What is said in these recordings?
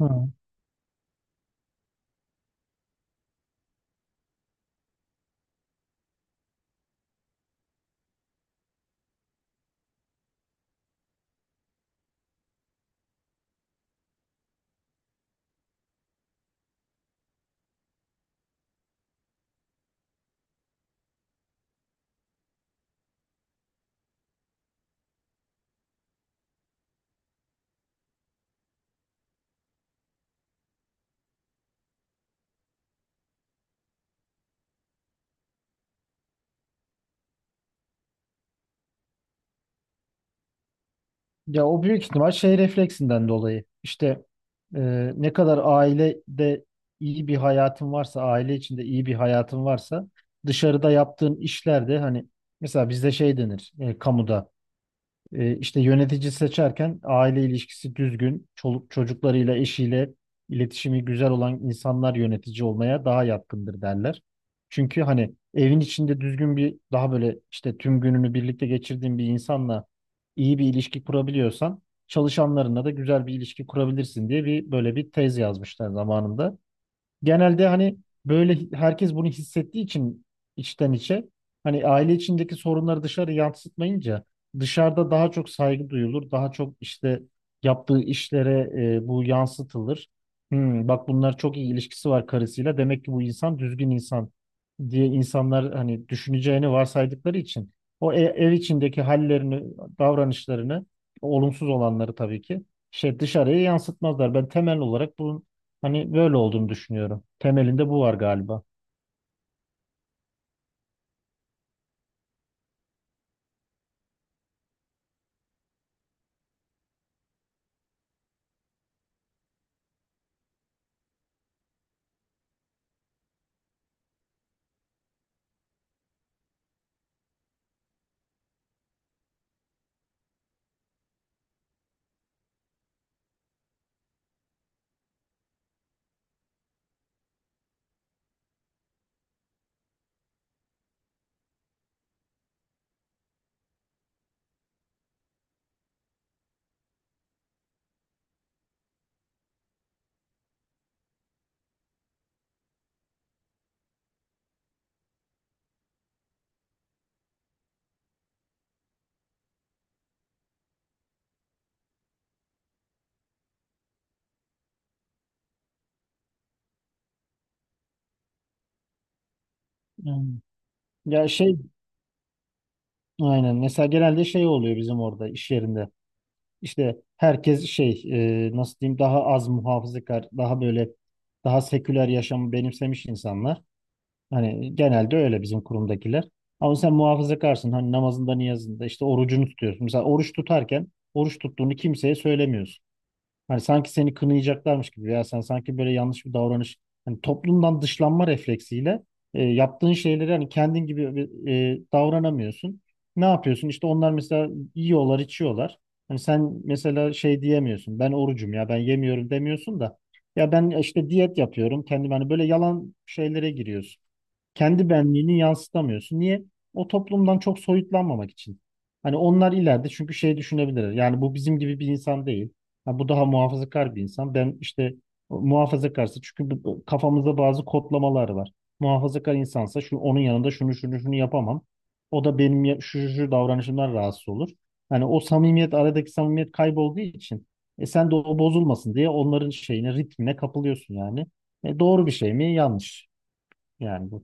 Hı. Ya o büyük ihtimal şey refleksinden dolayı. İşte e, ne kadar ailede iyi bir hayatın varsa, aile içinde iyi bir hayatın varsa dışarıda yaptığın işler de hani mesela bizde şey denir, kamuda. E, işte yönetici seçerken aile ilişkisi düzgün, çoluk çocuklarıyla, eşiyle iletişimi güzel olan insanlar yönetici olmaya daha yatkındır derler. Çünkü hani evin içinde düzgün bir böyle işte tüm gününü birlikte geçirdiğin bir insanla iyi bir ilişki kurabiliyorsan çalışanlarınla da güzel bir ilişki kurabilirsin diye böyle bir tez yazmışlar zamanında. Genelde hani böyle herkes bunu hissettiği için içten içe hani aile içindeki sorunları dışarı yansıtmayınca dışarıda daha çok saygı duyulur. Daha çok işte yaptığı işlere, bu yansıtılır. Hmm, bak bunlar çok iyi ilişkisi var karısıyla. Demek ki bu insan düzgün insan diye insanlar hani düşüneceğini varsaydıkları için o ev içindeki hallerini, davranışlarını, olumsuz olanları tabii ki şey dışarıya yansıtmazlar. Ben temel olarak bunun hani böyle olduğunu düşünüyorum. Temelinde bu var galiba. Yani, ya şey, aynen, mesela genelde şey oluyor bizim orada iş yerinde. İşte herkes şey, nasıl diyeyim, daha az muhafazakar, daha böyle daha seküler yaşamı benimsemiş insanlar. Hani genelde öyle bizim kurumdakiler. Ama sen muhafazakarsın. Hani namazında, niyazında işte orucunu tutuyorsun. Mesela oruç tutarken oruç tuttuğunu kimseye söylemiyorsun. Hani sanki seni kınayacaklarmış gibi veya sen sanki böyle yanlış bir davranış, hani toplumdan dışlanma refleksiyle, yaptığın şeyleri, hani kendin gibi davranamıyorsun. Ne yapıyorsun? İşte onlar mesela yiyorlar, içiyorlar. Hani sen mesela şey diyemiyorsun. Ben orucum, ya ben yemiyorum demiyorsun da ya ben işte diyet yapıyorum. Kendim hani böyle yalan şeylere giriyorsun. Kendi benliğini yansıtamıyorsun. Niye? O toplumdan çok soyutlanmamak için. Hani onlar ileride çünkü şey düşünebilirler. Yani bu bizim gibi bir insan değil. Ha, bu daha muhafazakar bir insan. Ben işte muhafazakarsa çünkü bu kafamızda bazı kodlamalar var. Muhafazakar insansa şu, onun yanında şunu şunu şunu yapamam. O da benim şu şu şu davranışımdan rahatsız olur. Hani o samimiyet, aradaki samimiyet kaybolduğu için e sen de o bozulmasın diye onların şeyine, ritmine kapılıyorsun yani. E doğru bir şey mi? Yanlış yani bu.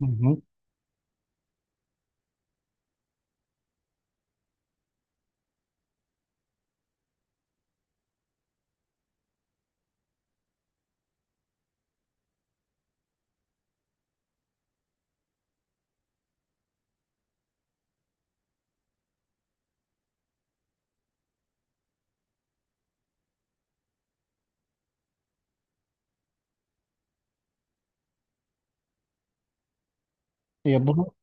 Hı hı. Ya bunu,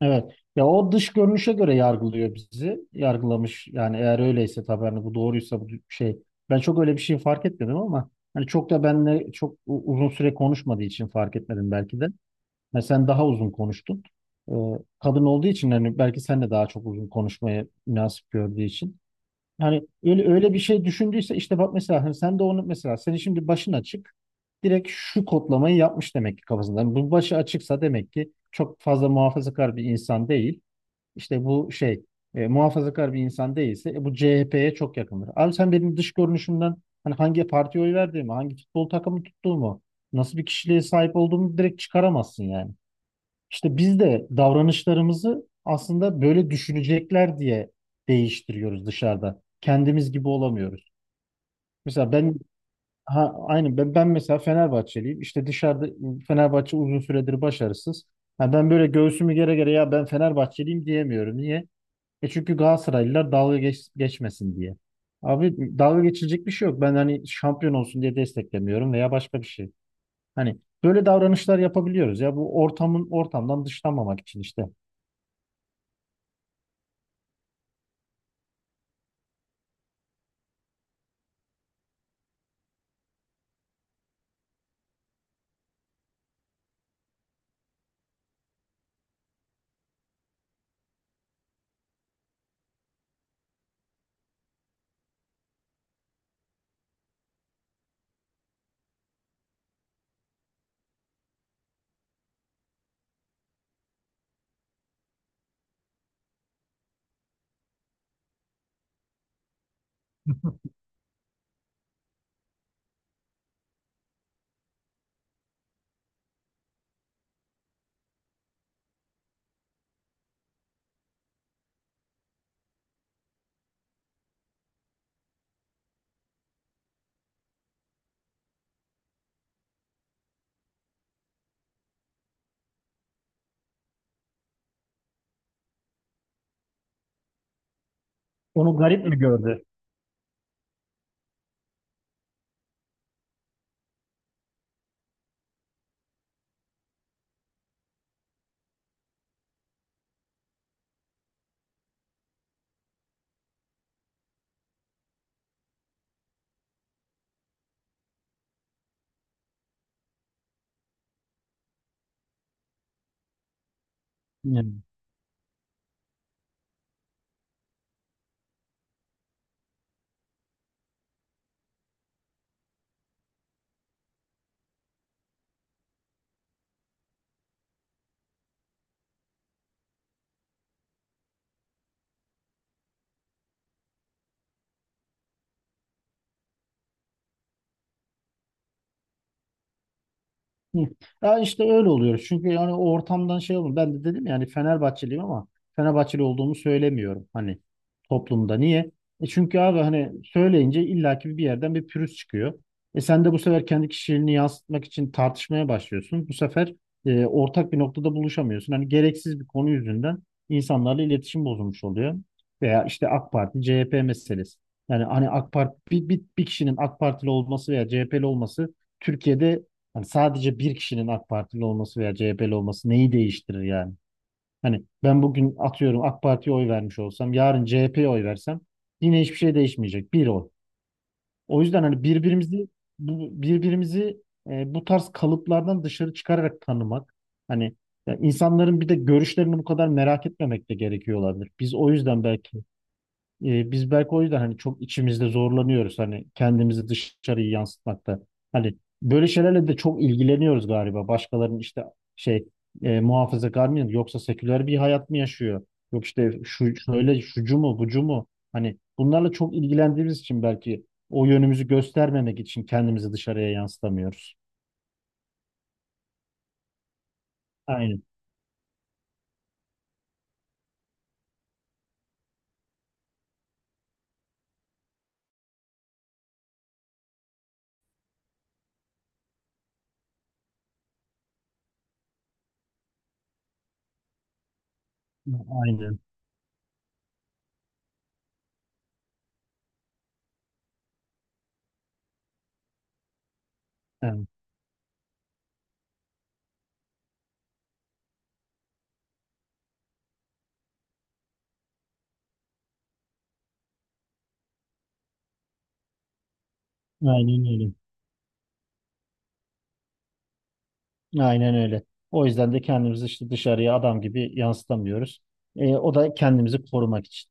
evet. Ya o dış görünüşe göre yargılıyor bizi. Yargılamış yani, eğer öyleyse tabii, hani bu doğruysa bu şey. Ben çok öyle bir şey fark etmedim ama hani çok da benle çok uzun süre konuşmadığı için fark etmedim belki de. Mesela sen daha uzun konuştun. Ee, kadın olduğu için hani belki sen de daha çok uzun konuşmaya münasip gördüğü için. Yani öyle öyle bir şey düşündüyse, işte bak mesela hani sen de onu, mesela senin şimdi başın açık, direkt şu kodlamayı yapmış demek ki kafasında. Yani bu başı açıksa demek ki çok fazla muhafazakar bir insan değil. İşte bu şey, muhafazakar bir insan değilse, bu CHP'ye çok yakındır. Abi sen benim dış görünüşümden hani hangi partiye oy verdiğimi, hangi futbol takımı tuttuğumu, nasıl bir kişiliğe sahip olduğumu direkt çıkaramazsın yani. İşte biz de davranışlarımızı aslında böyle düşünecekler diye değiştiriyoruz dışarıda. Kendimiz gibi olamıyoruz. Mesela ben, ha aynı ben, ben mesela Fenerbahçeliyim. İşte dışarıda Fenerbahçe uzun süredir başarısız. Ha, ben böyle göğsümü gere gere ya ben Fenerbahçeliyim diyemiyorum. Niye? E çünkü Galatasaraylılar geçmesin diye. Abi dalga geçilecek bir şey yok. Ben hani şampiyon olsun diye desteklemiyorum veya başka bir şey. Hani böyle davranışlar yapabiliyoruz ya bu ortamdan dışlanmamak için işte. Onu garip mi gördü? Yani. Hı. Ya işte öyle oluyoruz, çünkü yani o ortamdan şey olur. Ben de dedim yani Fenerbahçeliyim ama Fenerbahçeli olduğumu söylemiyorum hani toplumda. Niye? E çünkü abi hani söyleyince illaki bir yerden bir pürüz çıkıyor. E sen de bu sefer kendi kişiliğini yansıtmak için tartışmaya başlıyorsun. Bu sefer, ortak bir noktada buluşamıyorsun. Hani gereksiz bir konu yüzünden insanlarla iletişim bozulmuş oluyor. Veya işte AK Parti, CHP meselesi. Yani hani AK Parti bir kişinin AK Partili olması veya CHP'li olması Türkiye'de, hani sadece bir kişinin AK Partili olması veya CHP'li olması neyi değiştirir yani? Hani ben bugün atıyorum AK Parti'ye oy vermiş olsam, yarın CHP'ye oy versem yine hiçbir şey değişmeyecek. Bir oy. O yüzden hani birbirimizi, bu tarz kalıplardan dışarı çıkararak tanımak. Hani, ya insanların bir de görüşlerini bu kadar merak etmemek de gerekiyor olabilir. Biz belki o yüzden hani çok içimizde zorlanıyoruz hani kendimizi dışarıya yansıtmakta. Hani böyle şeylerle de çok ilgileniyoruz galiba. Başkalarının işte şey, muhafazakar mı yoksa seküler bir hayat mı yaşıyor? Yok işte şu şöyle, şucu mu bucu mu? Hani bunlarla çok ilgilendiğimiz için belki o yönümüzü göstermemek için kendimizi dışarıya yansıtamıyoruz. Aynen. Aynen. Aynen. Aynen öyle. Aynen öyle. O yüzden de kendimizi işte dışarıya adam gibi yansıtamıyoruz. O da kendimizi korumak için.